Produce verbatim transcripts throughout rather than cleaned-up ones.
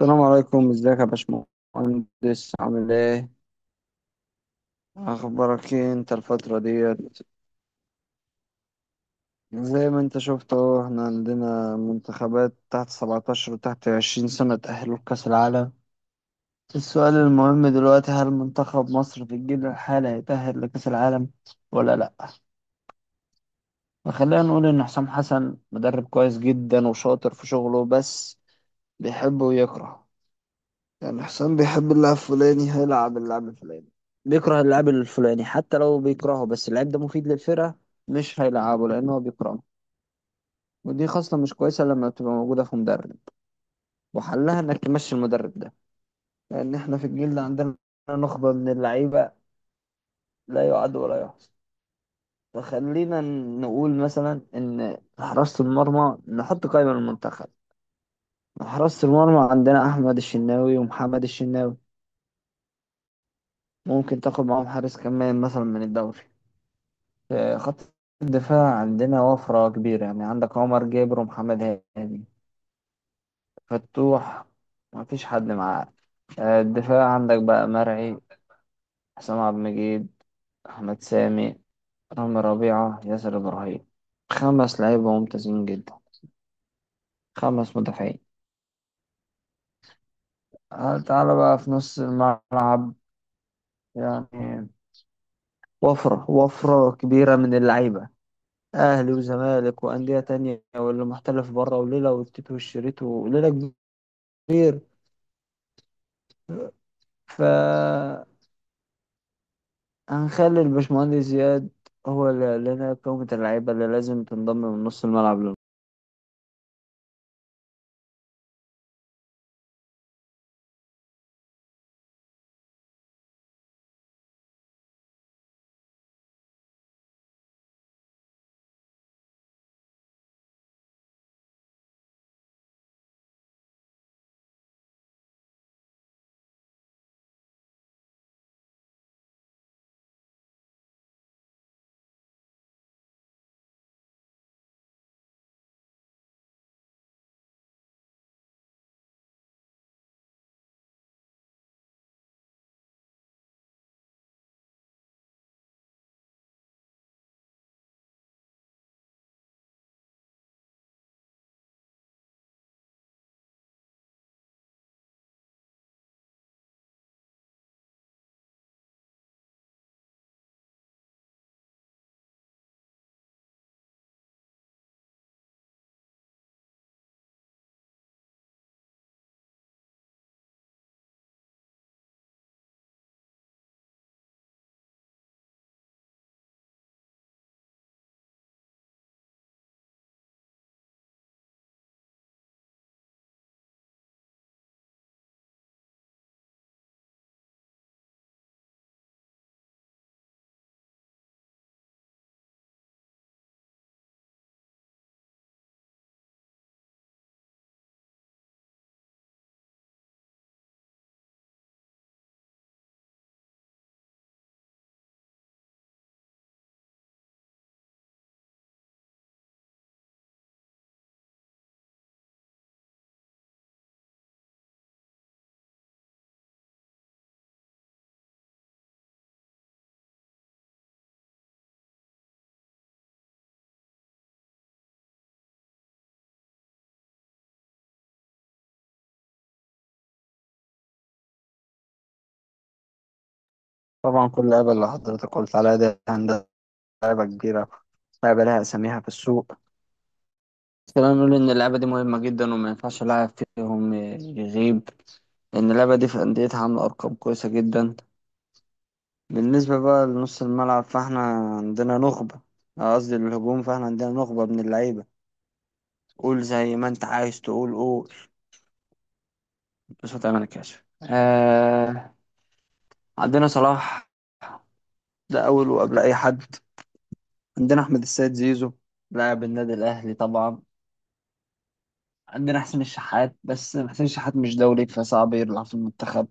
السلام عليكم، ازيك يا باشمهندس؟ عامل ايه؟ اخبارك ايه انت الفترة ديت؟ زي ما انت شفت اهو، احنا عندنا منتخبات تحت سبعة عشر وتحت عشرين سنة تأهلوا لكأس العالم. السؤال المهم دلوقتي، هل منتخب مصر في الجيل الحالي هيتأهل لكأس العالم ولا لأ؟ فخلينا نقول ان حسام حسن مدرب كويس جدا وشاطر في شغله، بس بيحب ويكره. يعني حسام بيحب اللاعب الفلاني، هيلعب اللاعب الفلاني. بيكره اللاعب الفلاني، حتى لو بيكرهه بس اللاعب ده مفيد للفرقة، مش هيلعبه لأن هو بيكرهه. ودي خاصة مش كويسة لما بتبقى موجودة في مدرب، وحلها إنك تمشي المدرب ده. لأن إحنا في الجيل ده عندنا نخبة من اللعيبة لا يعد ولا يحصى. فخلينا نقول مثلا إن حراسة المرمى نحط قائمة للمنتخب. حراسة المرمى عندنا أحمد الشناوي ومحمد الشناوي، ممكن تاخد معاهم حارس كمان مثلا من الدوري. في خط الدفاع عندنا وفرة كبيرة، يعني عندك عمر جابر ومحمد هاني، فتوح، ما فيش حد معاه. آه، الدفاع عندك بقى مرعي، حسام عبد المجيد، أحمد سامي، رامي ربيعة، ياسر إبراهيم. خمس لعيبة ممتازين جدا، خمس مدافعين. آه، تعالى بقى في نص الملعب. يعني وفرة وفرة كبيرة من اللعيبة، أهلي وزمالك وأندية تانية واللي محترف بره وليلة والتيت والشريط وليلة كبيرة. فهنخلي الباشمهندس زياد هو اللي قال لنا قائمة اللعيبة اللي لازم تنضم من نص الملعب لنا. طبعا كل لعبة اللي حضرتك قلت عليها دي هندسة، لعبة كبيرة، لعبة لها أساميها في السوق. خلينا نقول إن اللعبة دي مهمة جدا وما ينفعش لاعب فيهم يغيب، لأن اللعبة دي في أنديتها عاملة أرقام كويسة جدا. بالنسبة بقى لنص الملعب، فإحنا عندنا نخبة، قصدي الهجوم، فإحنا عندنا نخبة من اللعيبة. قول زي ما أنت عايز تقول، قول، بس ما تعمل كاشف. عندنا صلاح، ده أول وقبل أي حد. عندنا أحمد السيد زيزو، لاعب النادي الأهلي طبعا. عندنا حسين الشحات، بس حسين الشحات مش دولي فصعب يلعب في المنتخب.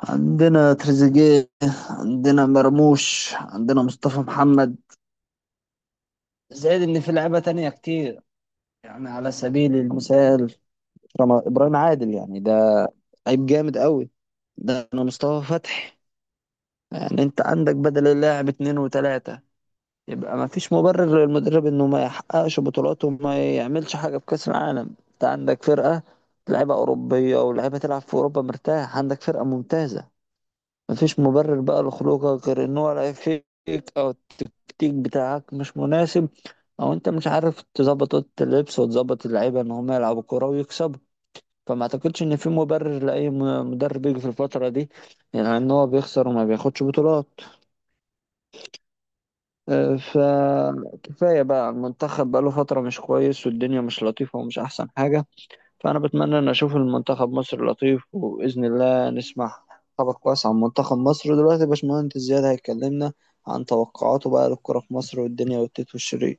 عندنا تريزيجيه، عندنا مرموش، عندنا مصطفى محمد. زائد إن في لعيبة تانية كتير، يعني على سبيل المثال رم- إبراهيم عادل، يعني ده لعيب جامد قوي. ده أنا مصطفى فتحي، يعني أنت عندك بدل اللاعب اتنين وتلاتة. يبقى ما فيش مبرر للمدرب انه ما يحققش بطولات وما يعملش حاجه في كاس العالم. انت عندك فرقه لعيبه اوروبيه ولاعيبه تلعب في اوروبا، مرتاح، عندك فرقه ممتازه. ما فيش مبرر بقى لخروجك غير ان هو لعب فيك، او التكتيك بتاعك مش مناسب، او انت مش عارف تظبط اوضه اللبس وتظبط اللعيبه ان هم يلعبوا كوره ويكسبوا. فما اعتقدش ان في مبرر لاي م- مدرب يجي في الفتره دي، يعني ان هو بيخسر وما بياخدش بطولات. آه، فكفاية بقى، المنتخب بقاله فترة مش كويس والدنيا مش لطيفة ومش أحسن حاجة. فأنا بتمنى إن أشوف المنتخب مصر لطيف، وبإذن الله نسمع خبر كويس عن منتخب مصر. دلوقتي باشمهندس زياد هيكلمنا عن توقعاته بقى للكرة في مصر والدنيا والتيت والشريط.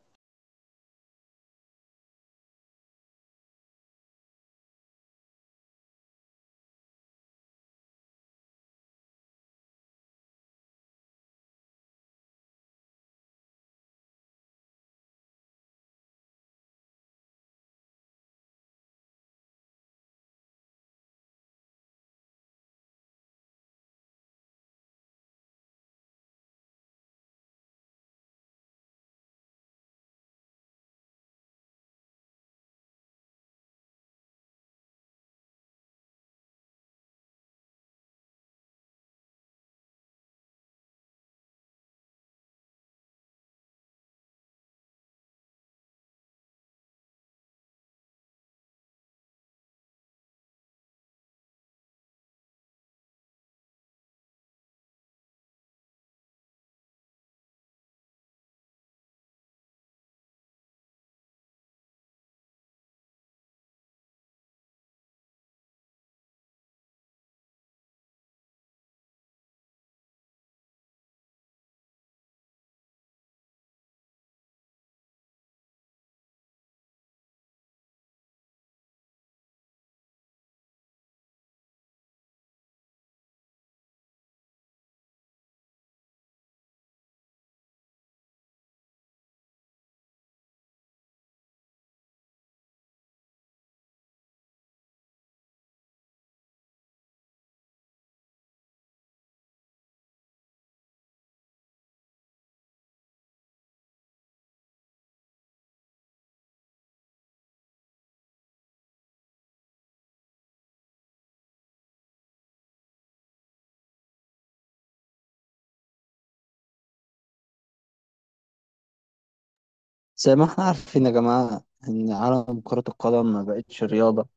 زي ما احنا عارفين يا جماعة، إن عالم كرة القدم ما بقتش رياضة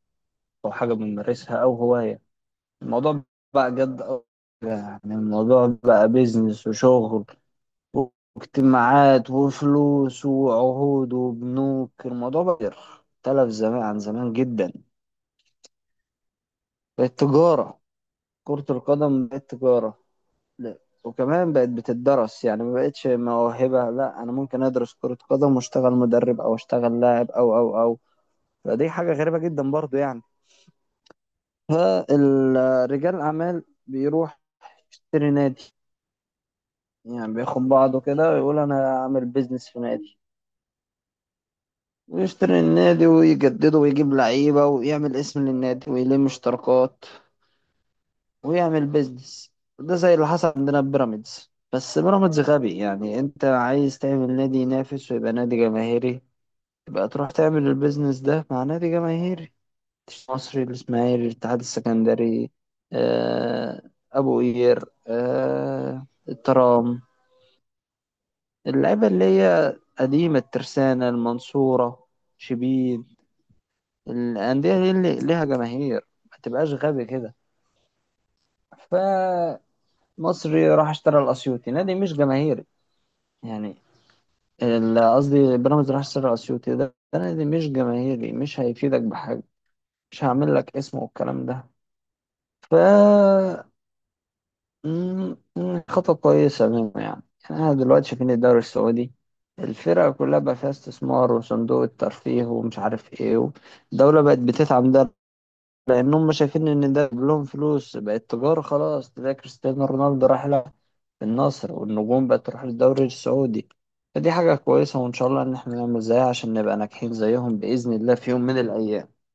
أو حاجة بنمارسها أو هواية. الموضوع بقى جد أوي، يعني الموضوع بقى بيزنس وشغل واجتماعات وفلوس وعهود وبنوك. الموضوع بقى اختلف زمان عن زمان جدا. بقت تجارة، كرة القدم بقت تجارة. لا، وكمان بقت بتدرس، يعني ما بقتش موهبة. لا، أنا ممكن أدرس كرة قدم وأشتغل مدرب أو أشتغل لاعب أو أو أو. فدي حاجة غريبة جدا برضو يعني. فرجال الأعمال بيروح يشتري نادي، يعني بياخد بعضه كده ويقول أنا هعمل بيزنس في نادي. ويشتري النادي ويجدده ويجيب لعيبة ويعمل اسم للنادي ويلم اشتراكات ويعمل بيزنس. ده زي اللي حصل عندنا في بيراميدز، بس بيراميدز غبي. يعني انت عايز تعمل نادي ينافس ويبقى نادي جماهيري، يبقى تروح تعمل البيزنس ده مع نادي جماهيري. مصري، الإسماعيلي، الاتحاد السكندري، آه، أبو قير، آه، الترام، اللعيبة اللي هي قديمة، الترسانة، المنصورة، شبين. الأندية دي اللي ليها جماهير، ما تبقاش غبي كده. فمصري راح اشترى الأسيوطي، نادي مش جماهيري. يعني ال- قصدي بيراميدز راح اشترى الأسيوطي، ده ده نادي مش جماهيري، مش هيفيدك بحاجة، مش هعمل لك اسم والكلام ده. ف مم، مم، خطوة كويسة منه يعني. يعني أنا دلوقتي شايفين الدوري السعودي، الفرق كلها بقى فيها استثمار وصندوق الترفيه ومش عارف ايه. الدولة بقت بتدعم ده، لان هم شايفين ان ده جايب لهم فلوس، بقت تجاره خلاص. تلاقي كريستيانو رونالدو راح لها النصر، والنجوم بقت تروح للدوري السعودي. فدي حاجه كويسه، وان شاء الله ان احنا نعمل زيها عشان نبقى ناجحين زيهم باذن الله في يوم من الايام.